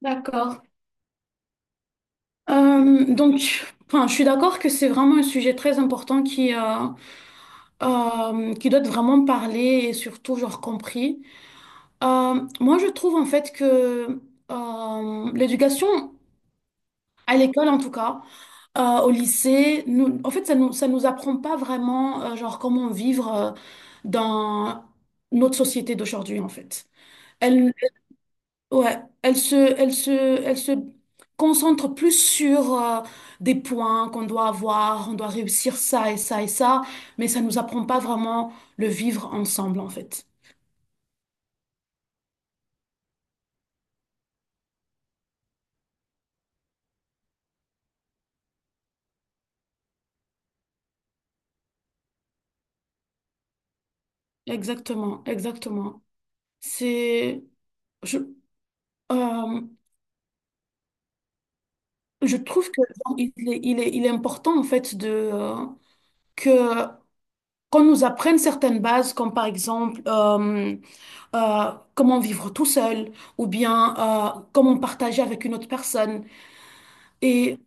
D'accord. Euh, donc, je suis d'accord que c'est vraiment un sujet très important qui qui doit être vraiment parlé et surtout, compris. Moi, je trouve en fait que l'éducation, à l'école en tout cas, au lycée, nous, en fait, ça nous apprend pas vraiment, comment vivre dans notre société d'aujourd'hui, en fait. Elle, Ouais, elle se concentre plus sur des points qu'on doit avoir, on doit réussir ça et ça et ça, mais ça ne nous apprend pas vraiment le vivre ensemble en fait. Exactement, exactement. C'est, je, euh, je trouve que il est important en fait de euh, que qu'on nous apprenne certaines bases, comme par exemple comment vivre tout seul, ou bien comment partager avec une autre personne. Et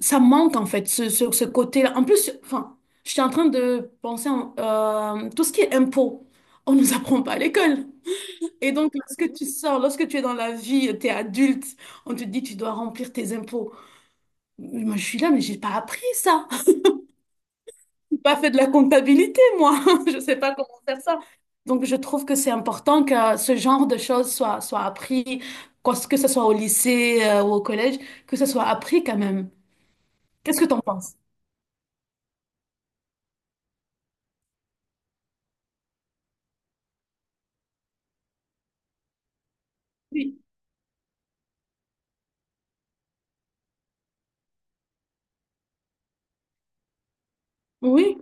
ça manque en fait sur ce côté-là. En plus, enfin, j'étais en train de penser tout ce qui est impôts, on nous apprend pas à l'école. Et donc, lorsque tu es dans la vie, tu es adulte, on te dit tu dois remplir tes impôts. Moi, je suis là, mais j'ai pas appris ça. J'ai pas fait de la comptabilité, moi. Je sais pas comment faire ça. Donc, je trouve que c'est important que ce genre de choses soit appris, que ce soit au lycée, ou au collège, que ce soit appris quand même. Qu'est-ce que tu en penses? Oui. Oui.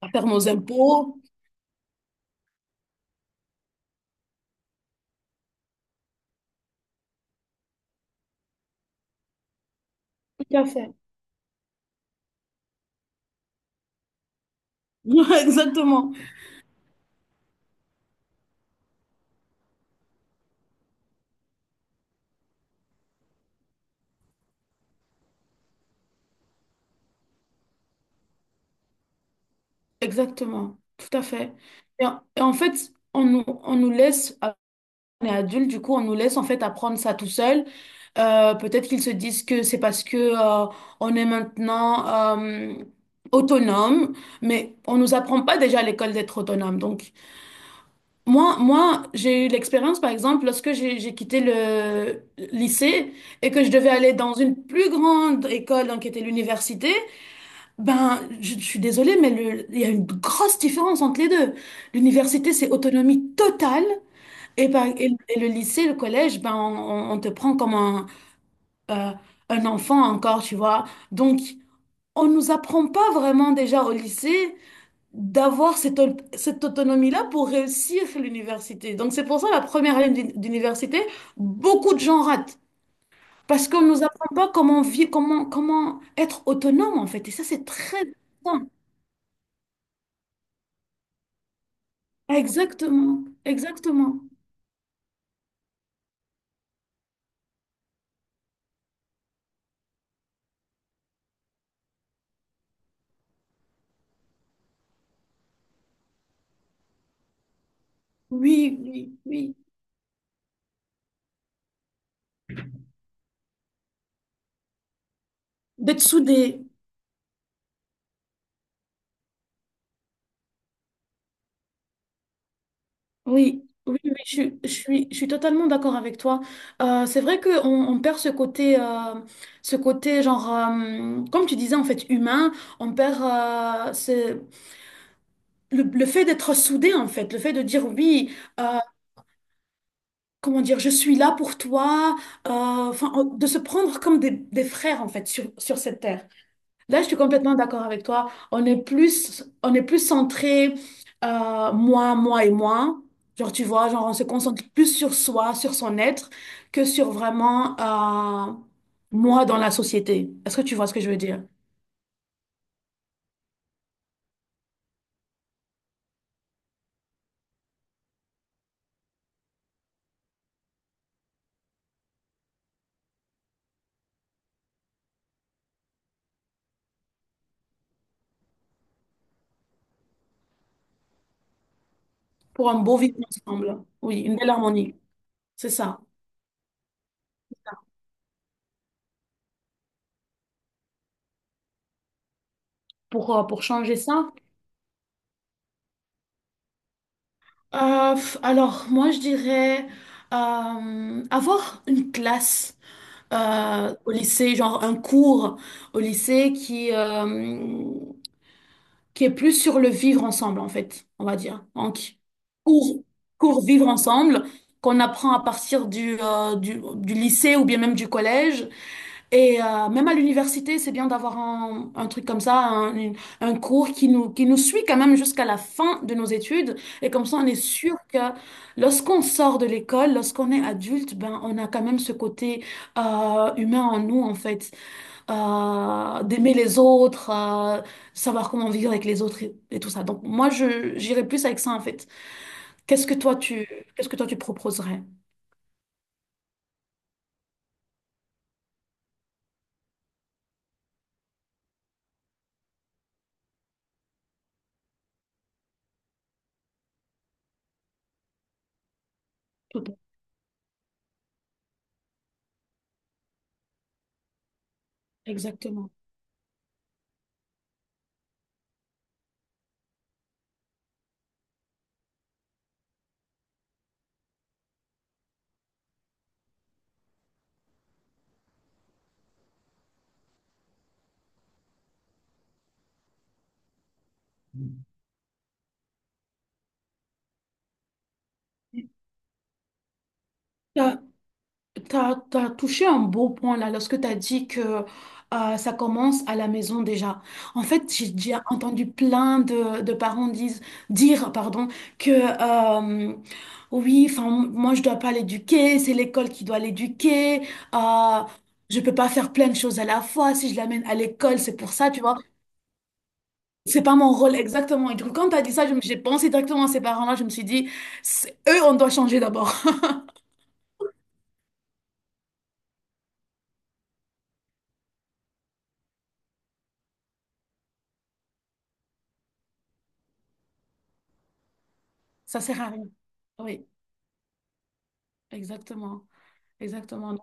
À faire nos impôts. Tout à fait. Exactement, exactement, tout à fait. Et en fait, on nous laisse, ah, on est adulte, du coup, on nous laisse en fait apprendre ça tout seul. Peut-être qu'ils se disent que c'est parce que on est maintenant autonome, mais on nous apprend pas déjà à l'école d'être autonome. Donc, moi, j'ai eu l'expérience, par exemple, lorsque j'ai quitté le lycée et que je devais aller dans une plus grande école, donc qui était l'université. Ben, je suis désolée, mais il y a une grosse différence entre les deux. L'université, c'est autonomie totale, et le lycée, le collège, ben, on te prend comme euh, un enfant encore, tu vois. Donc, on nous apprend pas vraiment déjà au lycée d'avoir cette autonomie-là pour réussir l'université. Donc, c'est pour ça la première année d'université, beaucoup de gens ratent. Parce qu'on nous apprend pas comment être autonome, en fait. Et ça, c'est très important. Exactement, exactement. Oui, oui, oui. D'être soudé. Oui, oui, oui, je suis totalement d'accord avec toi. C'est vrai qu'on on perd ce côté comme tu disais, en fait, humain. On perd le fait d'être soudé, en fait, le fait de dire oui, euh, comment dire, je suis là pour toi, de se prendre comme des frères, en fait, sur cette terre. Là, je suis complètement d'accord avec toi. On est plus centré, moi et moi. Genre, tu vois, genre, on se concentre plus sur soi, sur son être, que sur vraiment, euh, moi dans la société. Est-ce que tu vois ce que je veux dire? Pour un beau vivre ensemble. Oui, une belle harmonie. C'est ça. Pour changer ça. Alors, moi, je dirais avoir une classe au lycée, genre un cours au lycée qui est plus sur le vivre ensemble, en fait, on va dire. Donc, cours, cours vivre ensemble, qu'on apprend à partir du, du lycée ou bien même du collège. Et même à l'université, c'est bien d'avoir un truc comme ça, un, une- un cours qui nous suit quand même jusqu'à la fin de nos études. Et comme ça, on est sûr que lorsqu'on sort de l'école, lorsqu'on est adulte, ben, on a quand même ce côté humain en nous, en fait. D'aimer les autres, savoir comment vivre avec les autres et tout ça. Donc moi, j'irais plus avec ça, en fait. Qu'est-ce que toi, tu, qu'est-ce que toi, tu proposerais? Tout à fait, exactement. T'as touché un beau point là lorsque t'as dit que ça commence à la maison déjà. En fait, j'ai déjà entendu plein de, dire pardon, que euh, oui, enfin moi je dois pas l'éduquer, c'est l'école qui doit l'éduquer. Euh, je peux pas faire plein de choses à la fois. Si je l'amène à l'école, c'est pour ça, tu vois. C'est pas mon rôle exactement. Et du coup, quand t'as dit ça, j'ai pensé directement à ces parents-là. Je me suis dit, eux, on doit changer d'abord. Ça sert à rien. Oui, exactement. Exactement. Donc,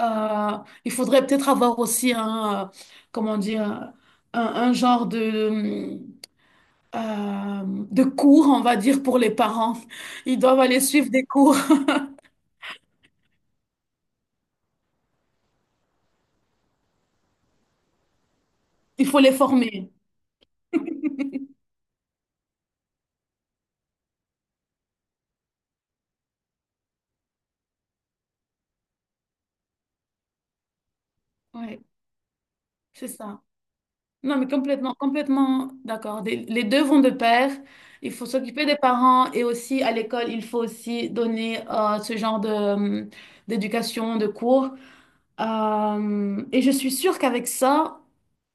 euh, il faudrait peut-être avoir aussi un, comment dire, un genre euh, de cours, on va dire, pour les parents. Ils doivent aller suivre des cours. Il faut les former. Oui, c'est ça. Non, mais complètement, complètement d'accord. Les deux vont de pair. Il faut s'occuper des parents et aussi à l'école, il faut aussi donner ce genre de, d'éducation, de cours. Et je suis sûre qu'avec ça,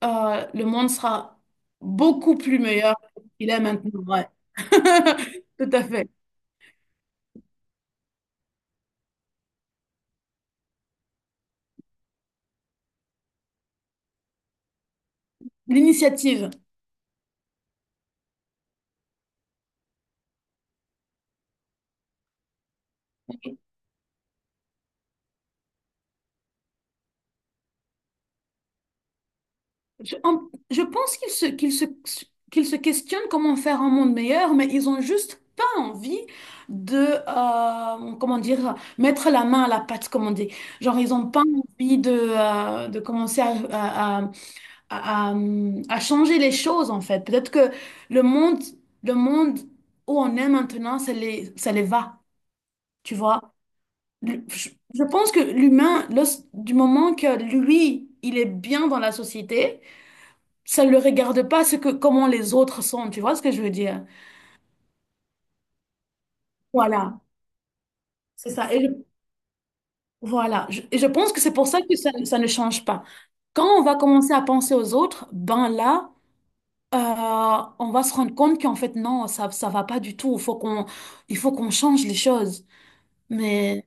le monde sera beaucoup plus meilleur qu'il est maintenant. Ouais. Tout à fait. L'initiative. Je, en- je pense qu'ils se questionnent comment faire un monde meilleur, mais ils ont juste pas envie de, comment dire, mettre la main à la pâte, comme on dit. Genre, ils ont pas envie de commencer à, à- à changer les choses en fait. Peut-être que le monde, le monde où on est maintenant, ça les va, tu vois. Je pense que l'humain, du moment que lui, il est bien dans la société, ça ne le regarde pas comment les autres sont, tu vois ce que je veux dire? Voilà, c'est ça. Et je pense que c'est pour ça que ça ne change pas. Quand on va commencer à penser aux autres, ben là, euh, on va se rendre compte qu'en fait, non, ça va pas du tout. Il faut qu'on change les choses. Mais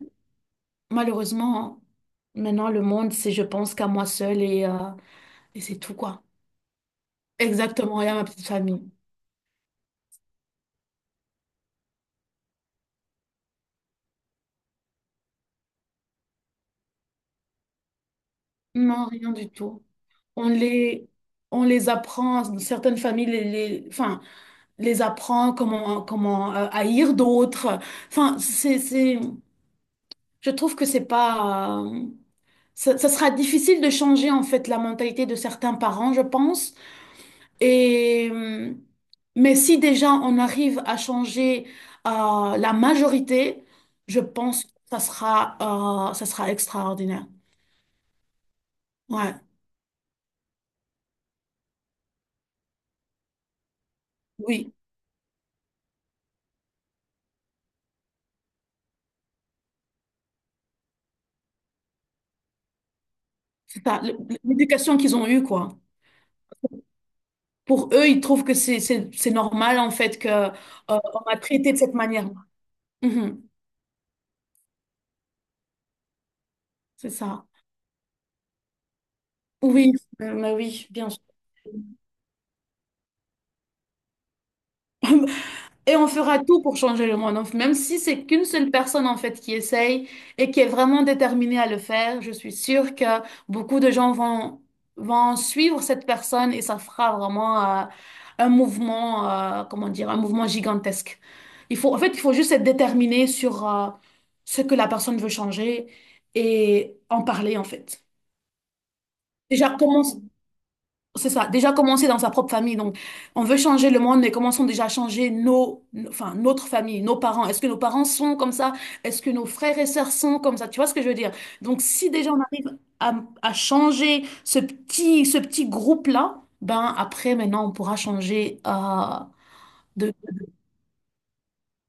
malheureusement, maintenant, le monde, c'est je pense qu'à moi seule et c'est tout, quoi. Exactement, et à ma petite famille. Non, rien du tout. On les, on les apprend, certaines familles les apprend comment haïr d'autres. Enfin, je trouve que c'est pas. Ça, ça sera difficile de changer en fait la mentalité de certains parents, je pense. Et, euh, mais si déjà on arrive à changer la majorité, je pense que ça sera extraordinaire. Ouais, oui, c'est ça. L'éducation qu'ils ont eue, quoi. Pour eux, ils trouvent c'est normal en fait que on a traité de cette manière. Mhm, c'est ça. Oui, mais oui, bien sûr. Et on fera tout pour changer le monde. Même si c'est qu'une seule personne, en fait, qui essaye et qui est vraiment déterminée à le faire, je suis sûre que beaucoup de gens vont suivre cette personne et ça fera vraiment un mouvement, comment dire, un mouvement gigantesque. Il faut juste être déterminé sur ce que la personne veut changer et en parler, en fait. Déjà, commence c'est ça, déjà commencer dans sa propre famille. Donc, on veut changer le monde, mais commençons déjà à changer notre famille, nos parents. Est-ce que nos parents sont comme ça? Est-ce que nos frères et sœurs sont comme ça? Tu vois ce que je veux dire? Donc, si déjà on arrive à changer ce petit groupe-là, ben après, maintenant, on pourra changer de...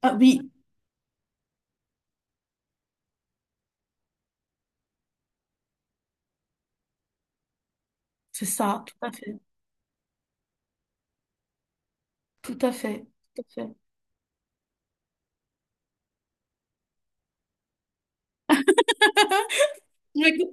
Ah oui, c'est ça, tout à fait, tout à fait, tout à fait.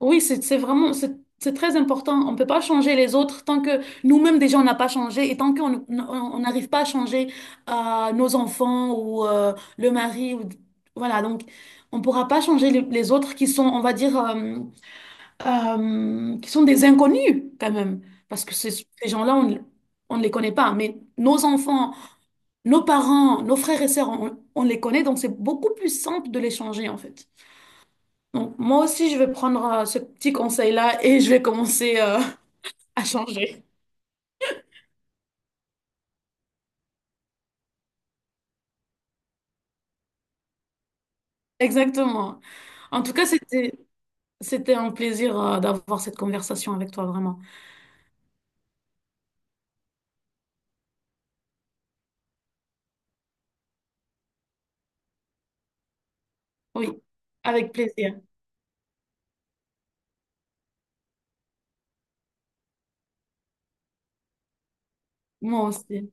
Oui, c'est vraiment, c'est très important. On ne peut pas changer les autres tant que nous-mêmes déjà on n'a pas changé et tant qu'on on n'arrive pas à changer nos enfants ou le mari. Ou, voilà, donc on ne pourra pas changer les autres qui sont, on va dire, qui sont des inconnus quand même. Parce que ces, ces gens-là, on ne les connaît pas. Mais nos enfants, nos parents, nos frères et sœurs, on les connaît, donc c'est beaucoup plus simple de les changer en fait. Donc, moi aussi, je vais prendre ce petit conseil-là et je vais commencer à changer. Exactement. En tout cas, c'était un plaisir d'avoir cette conversation avec toi, vraiment. Oui, avec plaisir. Moi aussi.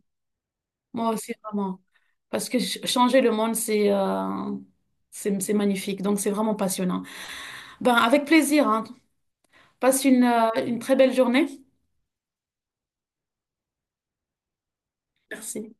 Moi aussi, vraiment. Parce que changer le monde, c'est magnifique. Donc, c'est vraiment passionnant. Ben, avec plaisir, hein. Passe une très belle journée. Merci.